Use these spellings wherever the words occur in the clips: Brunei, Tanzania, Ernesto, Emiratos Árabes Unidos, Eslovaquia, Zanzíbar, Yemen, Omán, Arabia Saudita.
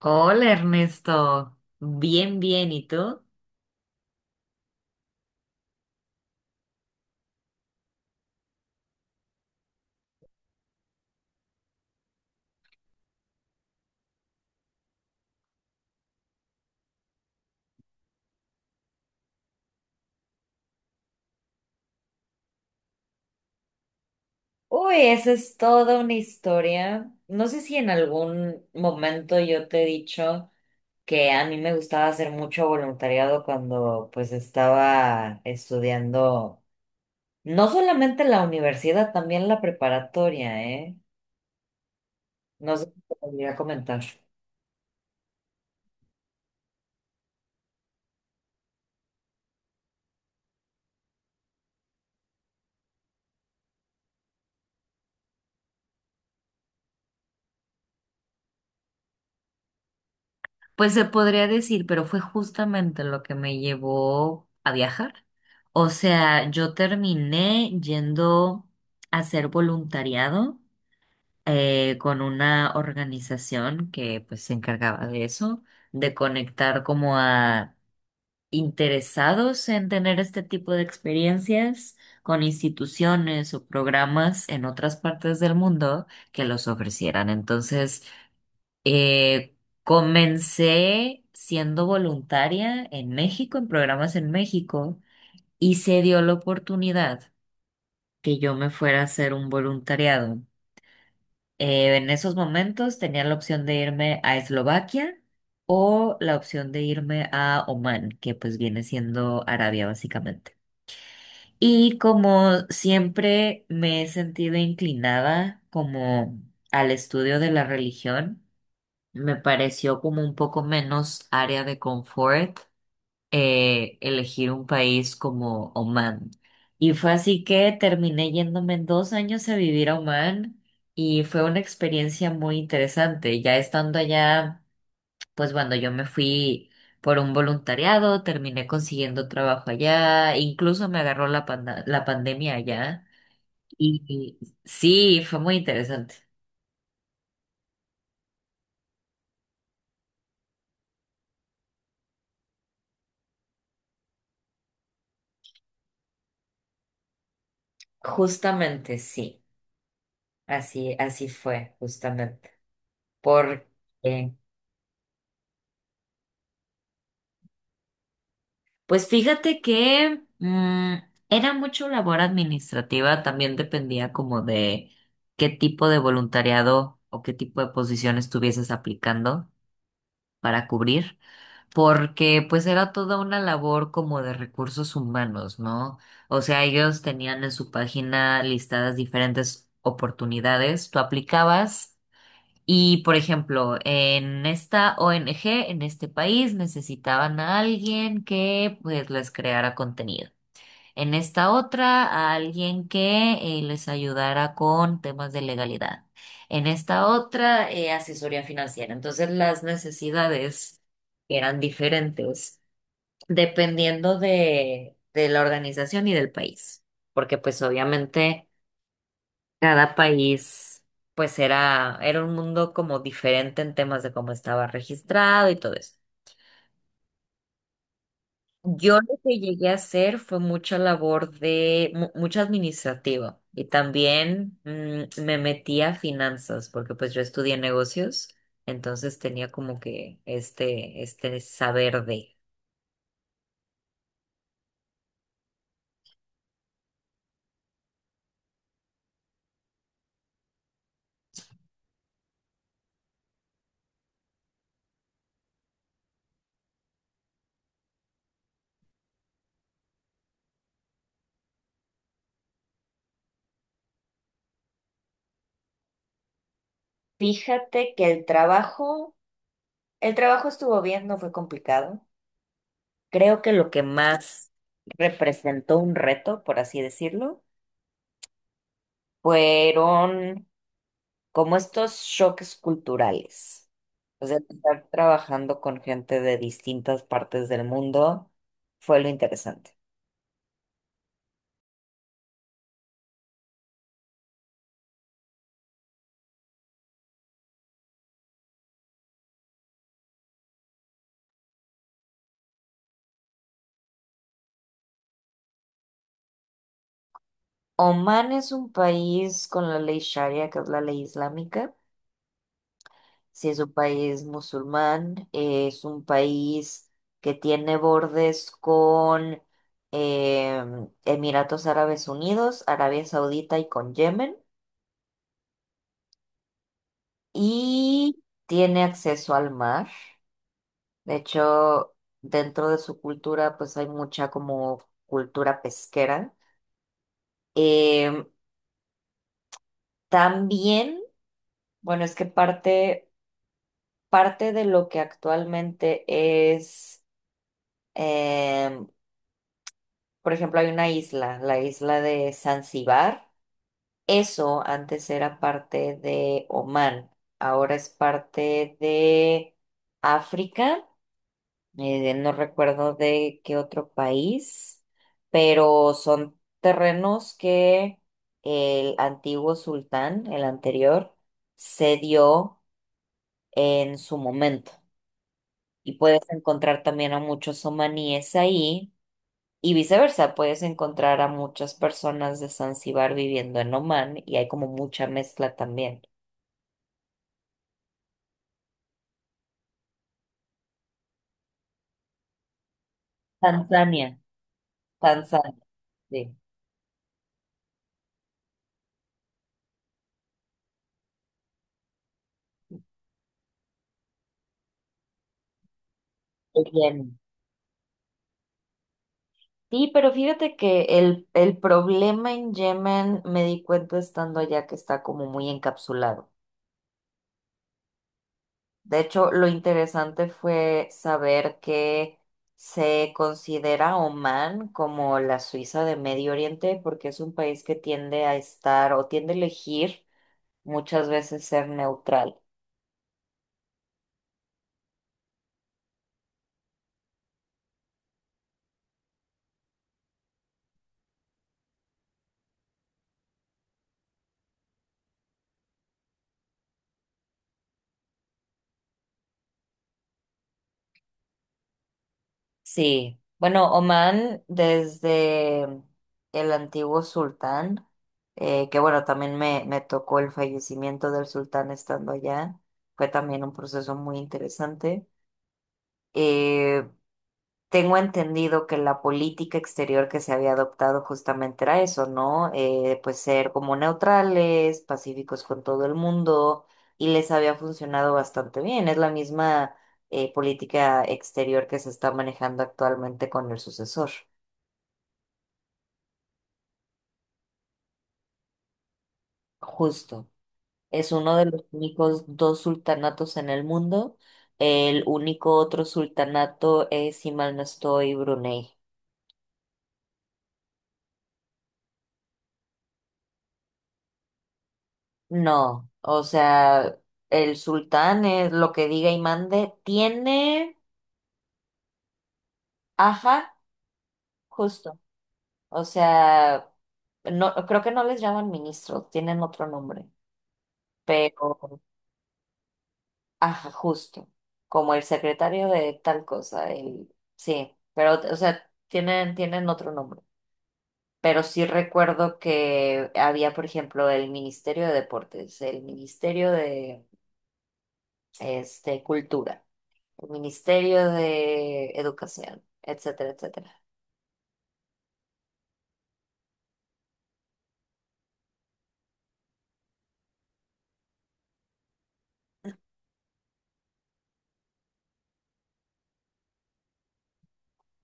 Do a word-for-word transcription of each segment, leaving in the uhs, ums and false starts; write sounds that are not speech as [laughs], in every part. Hola Ernesto, bien, bien, ¿y tú? Uy, esa es toda una historia. No sé si en algún momento yo te he dicho que a mí me gustaba hacer mucho voluntariado cuando pues estaba estudiando, no solamente la universidad, también la preparatoria, ¿eh? No sé si te podría comentar. Pues se podría decir, pero fue justamente lo que me llevó a viajar. O sea, yo terminé yendo a hacer voluntariado eh, con una organización que pues se encargaba de eso, de conectar como a interesados en tener este tipo de experiencias con instituciones o programas en otras partes del mundo que los ofrecieran. Entonces, eh, comencé siendo voluntaria en México, en programas en México, y se dio la oportunidad que yo me fuera a hacer un voluntariado. Eh, en esos momentos tenía la opción de irme a Eslovaquia o la opción de irme a Omán, que pues viene siendo Arabia básicamente. Y como siempre me he sentido inclinada como al estudio de la religión, me pareció como un poco menos área de confort eh, elegir un país como Oman. Y fue así que terminé yéndome en dos años a vivir a Oman y fue una experiencia muy interesante. Ya estando allá, pues cuando yo me fui por un voluntariado, terminé consiguiendo trabajo allá, incluso me agarró la panda- la pandemia allá. Y y sí, fue muy interesante. Justamente, sí. Así, así fue, justamente. Porque, pues fíjate que mm, era mucho labor administrativa, también dependía como de qué tipo de voluntariado o qué tipo de posición estuvieses aplicando para cubrir, porque pues era toda una labor como de recursos humanos, ¿no? O sea, ellos tenían en su página listadas diferentes oportunidades, tú aplicabas. Y, por ejemplo, en esta O N G, en este país, necesitaban a alguien que pues les creara contenido. En esta otra, a alguien que eh, les ayudara con temas de legalidad. En esta otra, eh, asesoría financiera. Entonces, las necesidades eran diferentes dependiendo de, de la organización y del país. Porque pues obviamente... Cada país, pues era, era un mundo como diferente en temas de cómo estaba registrado y todo eso. Yo lo que llegué a hacer fue mucha labor de, mu- mucho administrativo y también mm, me metí a finanzas porque pues yo estudié negocios, entonces tenía como que este, este saber de. Fíjate que el trabajo, el trabajo estuvo bien, no fue complicado. Creo que lo que más representó un reto, por así decirlo, fueron como estos choques culturales. O sea, estar trabajando con gente de distintas partes del mundo fue lo interesante. Omán es un país con la ley Sharia, que es la ley islámica. Si es un país musulmán, es un país que tiene bordes con eh, Emiratos Árabes Unidos, Arabia Saudita y con Yemen. Y tiene acceso al mar. De hecho, dentro de su cultura, pues hay mucha como cultura pesquera. Em, También, bueno, es que parte, parte de lo que actualmente es, em, por ejemplo, hay una isla, la isla de Zanzíbar. Eso antes era parte de Omán, ahora es parte de África. Eh, no recuerdo de qué otro país, pero son terrenos que el antiguo sultán, el anterior, cedió en su momento. Y puedes encontrar también a muchos omaníes ahí y viceversa, puedes encontrar a muchas personas de Zanzíbar viviendo en Oman y hay como mucha mezcla también. Tanzania, Tanzania, sí. Sí, pero fíjate que el, el problema en Yemen me di cuenta estando allá que está como muy encapsulado. De hecho, lo interesante fue saber que se considera Omán como la Suiza de Medio Oriente porque es un país que tiende a estar o tiende a elegir muchas veces ser neutral. Sí, bueno, Omán desde el antiguo sultán, eh, que bueno, también me, me tocó el fallecimiento del sultán estando allá, fue también un proceso muy interesante. Eh, Tengo entendido que la política exterior que se había adoptado justamente era eso, ¿no? Eh, pues ser como neutrales, pacíficos con todo el mundo, y les había funcionado bastante bien. Es la misma eh, política exterior que se está manejando actualmente con el sucesor. Justo. Es uno de los únicos dos sultanatos en el mundo. El único otro sultanato es, si mal no estoy, Brunei. No, o sea, el sultán es lo que diga y mande. Tiene, ajá, justo. O sea, no, creo que no les llaman ministros, tienen otro nombre, pero, ajá, justo. Como el secretario de tal cosa, el, sí, pero, o sea, tienen, tienen otro nombre. Pero sí recuerdo que había, por ejemplo, el Ministerio de Deportes, el Ministerio de, este, Cultura. El Ministerio de Educación, etcétera, etcétera.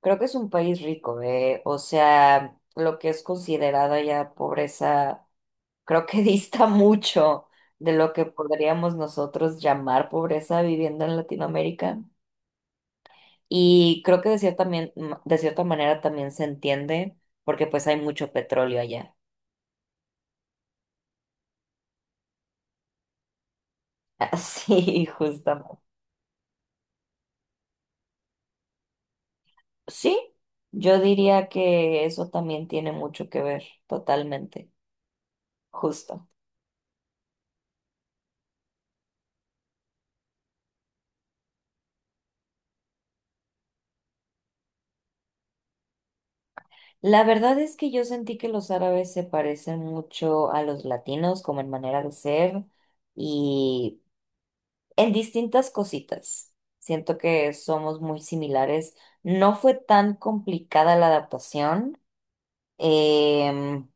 Creo que es un país rico, ¿eh? O sea, lo que es considerada ya pobreza, creo que [laughs] dista mucho de lo que podríamos nosotros llamar pobreza viviendo en Latinoamérica. Y creo que de cierta, mien- m- de cierta manera también se entiende, porque pues hay mucho petróleo allá. [laughs] Así, justamente. Sí, yo diría que eso también tiene mucho que ver, totalmente, justo. La verdad es que yo sentí que los árabes se parecen mucho a los latinos, como en manera de ser y en distintas cositas. Siento que somos muy similares. No fue tan complicada la adaptación. Em,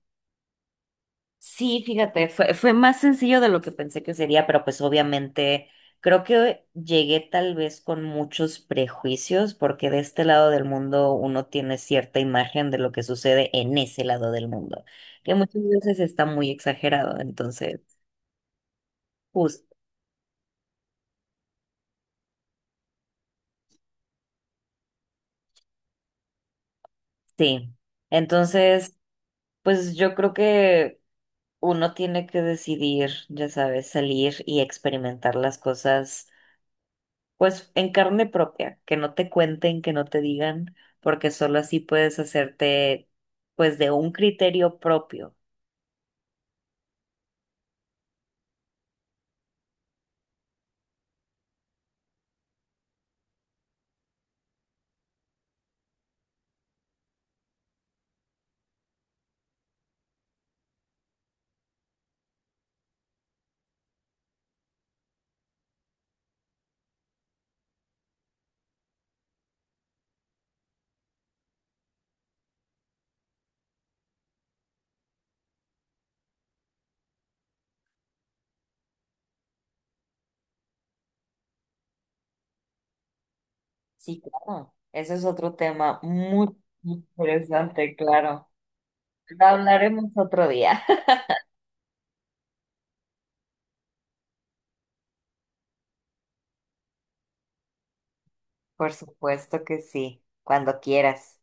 Sí, fíjate, fue, fue más sencillo de lo que pensé que sería, pero pues obviamente creo que llegué tal vez con muchos prejuicios, porque de este lado del mundo uno tiene cierta imagen de lo que sucede en ese lado del mundo, que muchas veces está muy exagerado, entonces, pues sí. Entonces, pues yo creo que uno tiene que decidir, ya sabes, salir y experimentar las cosas pues en carne propia, que no te cuenten, que no te digan, porque solo así puedes hacerte pues de un criterio propio. Sí, claro. Ese es otro tema muy muy interesante, claro. Lo hablaremos otro día. [laughs] Por supuesto que sí, cuando quieras.